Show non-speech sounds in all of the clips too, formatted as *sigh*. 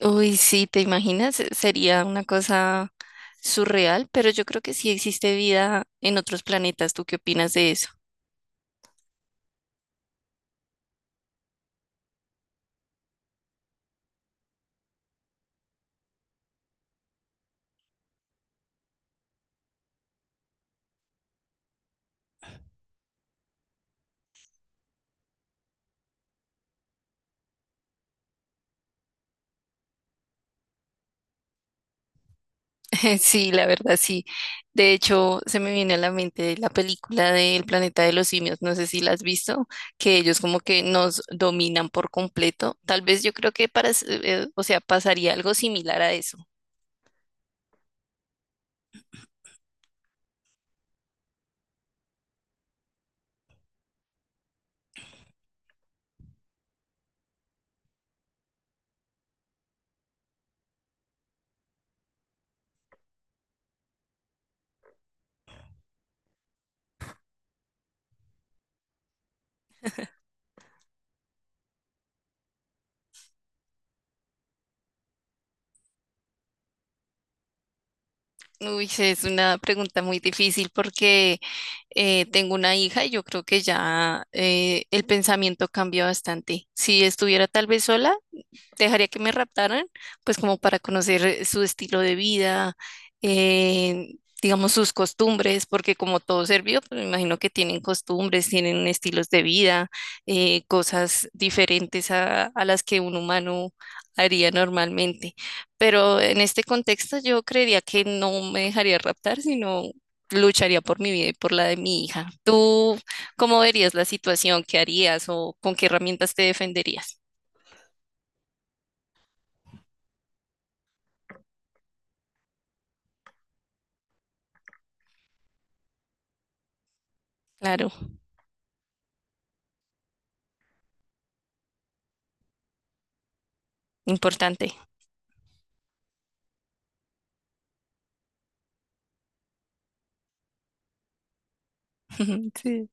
Uy, sí, ¿te imaginas? Sería una cosa surreal, pero yo creo que sí existe vida en otros planetas. ¿Tú qué opinas de eso? *laughs* Sí, la verdad, sí. De hecho, se me viene a la mente la película del planeta de los simios, no sé si la has visto, que ellos como que nos dominan por completo. Tal vez yo creo que o sea, pasaría algo similar a eso. Uy, sí, es una pregunta muy difícil porque tengo una hija y yo creo que ya el pensamiento cambia bastante. Si estuviera tal vez sola, dejaría que me raptaran, pues como para conocer su estilo de vida, eh, digamos sus costumbres, porque como todo serbio, pues me imagino que tienen costumbres, tienen estilos de vida, cosas diferentes a las que un humano haría normalmente. Pero en este contexto yo creería que no me dejaría raptar, sino lucharía por mi vida y por la de mi hija. ¿Tú cómo verías la situación? ¿Qué harías o con qué herramientas te defenderías? Claro, importante. Ujú, sí,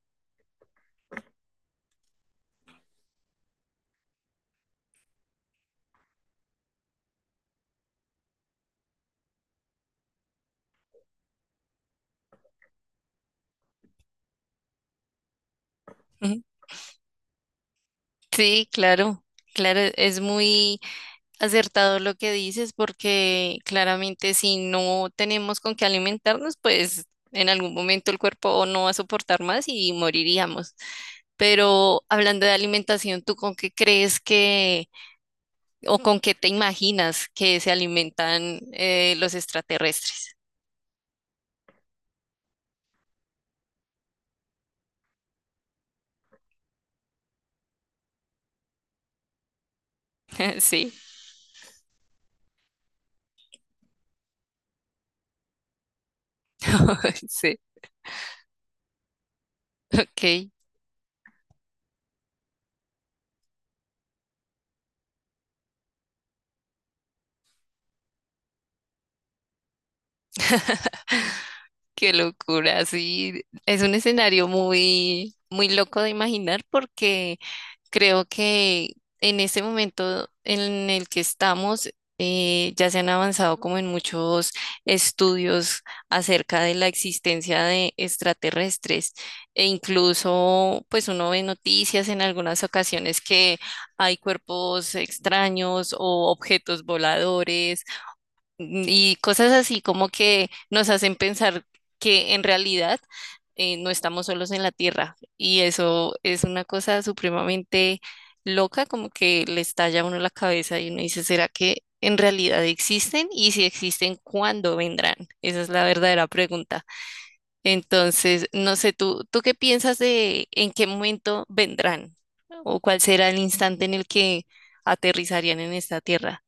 ujú. Sí, claro, claro, es muy acertado lo que dices porque claramente si no tenemos con qué alimentarnos, pues en algún momento el cuerpo o no va a soportar más y moriríamos. Pero hablando de alimentación, ¿tú con qué crees que o con qué te imaginas que se alimentan los extraterrestres? *laughs* Sí, *laughs* sí, ok. Qué locura, sí. Es un escenario muy, muy loco de imaginar porque creo que en ese momento en el que estamos ya se han avanzado como en muchos estudios acerca de la existencia de extraterrestres e incluso pues uno ve noticias en algunas ocasiones que hay cuerpos extraños o objetos voladores y cosas así como que nos hacen pensar que en realidad no estamos solos en la Tierra. Y eso es una cosa supremamente loca, como que le estalla a uno la cabeza y uno dice, ¿será que en realidad existen? Y si existen, ¿cuándo vendrán? Esa es la verdadera pregunta. Entonces, no sé, ¿ tú qué piensas de en qué momento vendrán? ¿O cuál será el instante en el que aterrizarían en esta Tierra?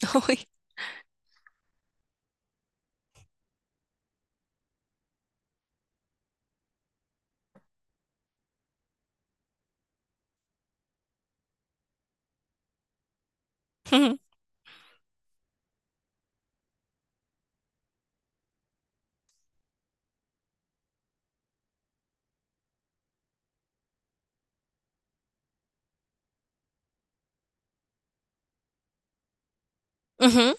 *laughs* Uy. Ujú, ujú,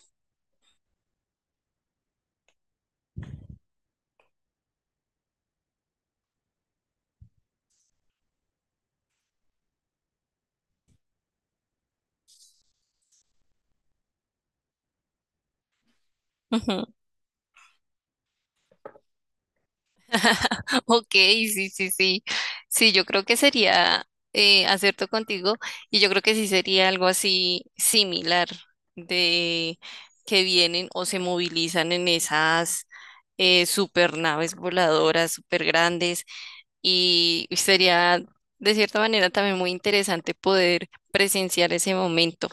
ujú. *laughs* Ok, sí, sí, sí. Sí, yo creo que sería acierto contigo y yo creo que sí sería algo así similar de que vienen o se movilizan en esas super naves voladoras super grandes y sería de cierta manera también muy interesante poder presenciar ese momento.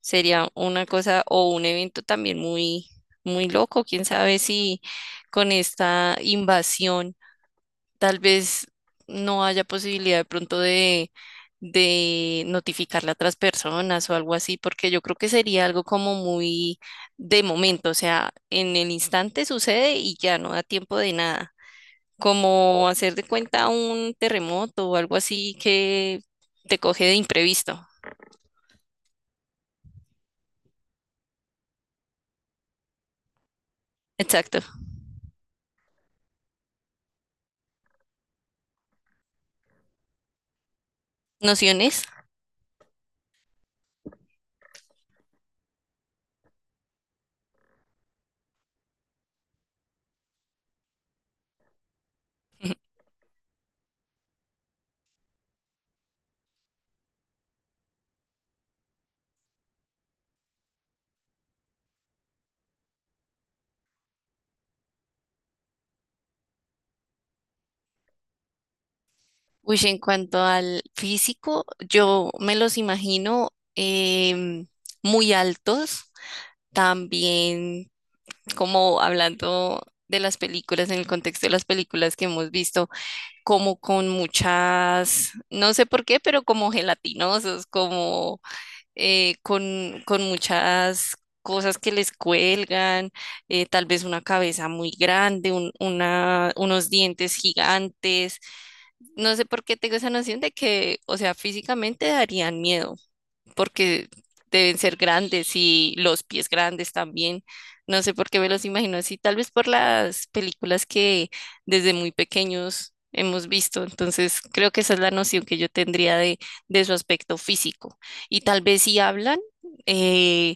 Sería una cosa o un evento también muy, muy loco. Quién sabe si con esta invasión tal vez no haya posibilidad de pronto de notificarle a otras personas o algo así, porque yo creo que sería algo como muy de momento, o sea, en el instante sucede y ya no da tiempo de nada. Como hacer de cuenta un terremoto o algo así que te coge de imprevisto. Exacto. ¿Nociones? Uy, en cuanto al físico, yo me los imagino em, muy altos, también como hablando de las películas, en el contexto de las películas que hemos visto, como con muchas, no sé por qué, pero como gelatinosos, como con muchas cosas que les cuelgan, tal vez una cabeza muy grande, unos dientes gigantes. No sé por qué tengo esa noción de que, o sea, físicamente darían miedo porque deben ser grandes y los pies grandes también. No sé por qué me los imagino así, tal vez por las películas que desde muy pequeños hemos visto. Entonces, creo que esa es la noción que yo tendría de su aspecto físico. Y tal vez si hablan, eh,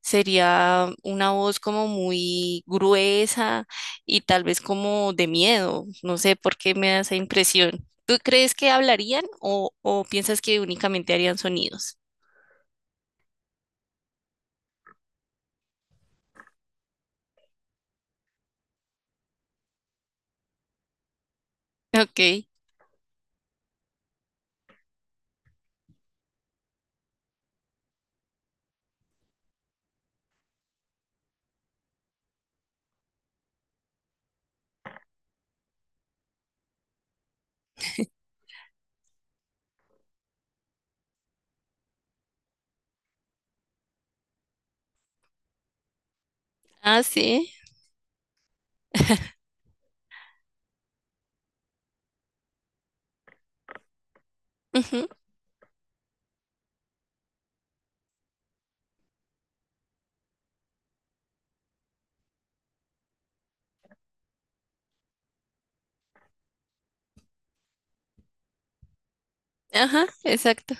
sería una voz como muy gruesa y tal vez como de miedo. No sé por qué me da esa impresión. ¿Tú crees que hablarían o piensas que únicamente harían sonidos? Ok. Ah, sí. Ujú. Ajá, exacto.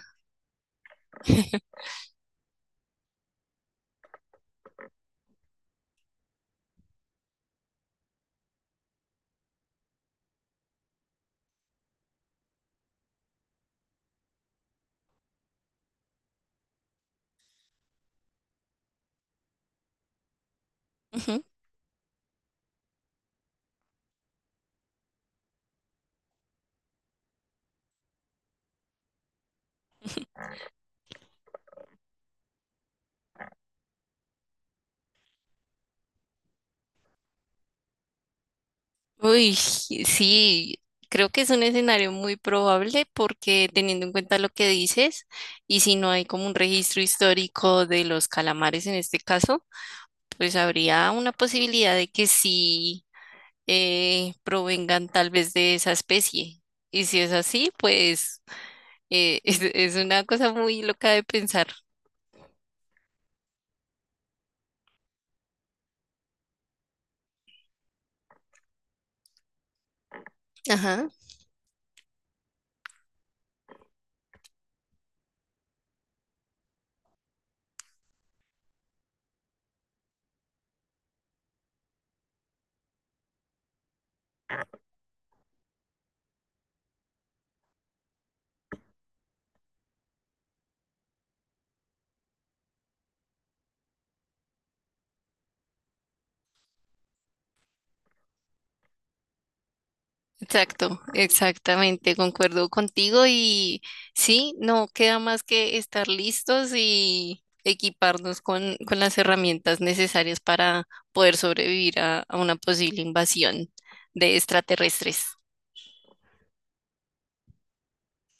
Ujú. Uy, sí, creo que es un escenario muy probable porque teniendo en cuenta lo que dices, y si no hay como un registro histórico de los calamares en este caso, pues habría una posibilidad de que sí. Provengan tal vez de esa especie. Y si es así, pues *laughs* es una cosa muy loca de pensar. Ajá, exacto, exactamente, concuerdo contigo y sí, no queda más que estar listos y equiparnos con las herramientas necesarias para poder sobrevivir a una posible invasión de extraterrestres.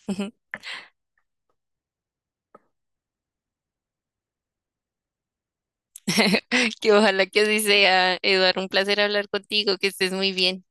*laughs* Que ojalá que así sea, Eduardo, un placer hablar contigo, que estés muy bien.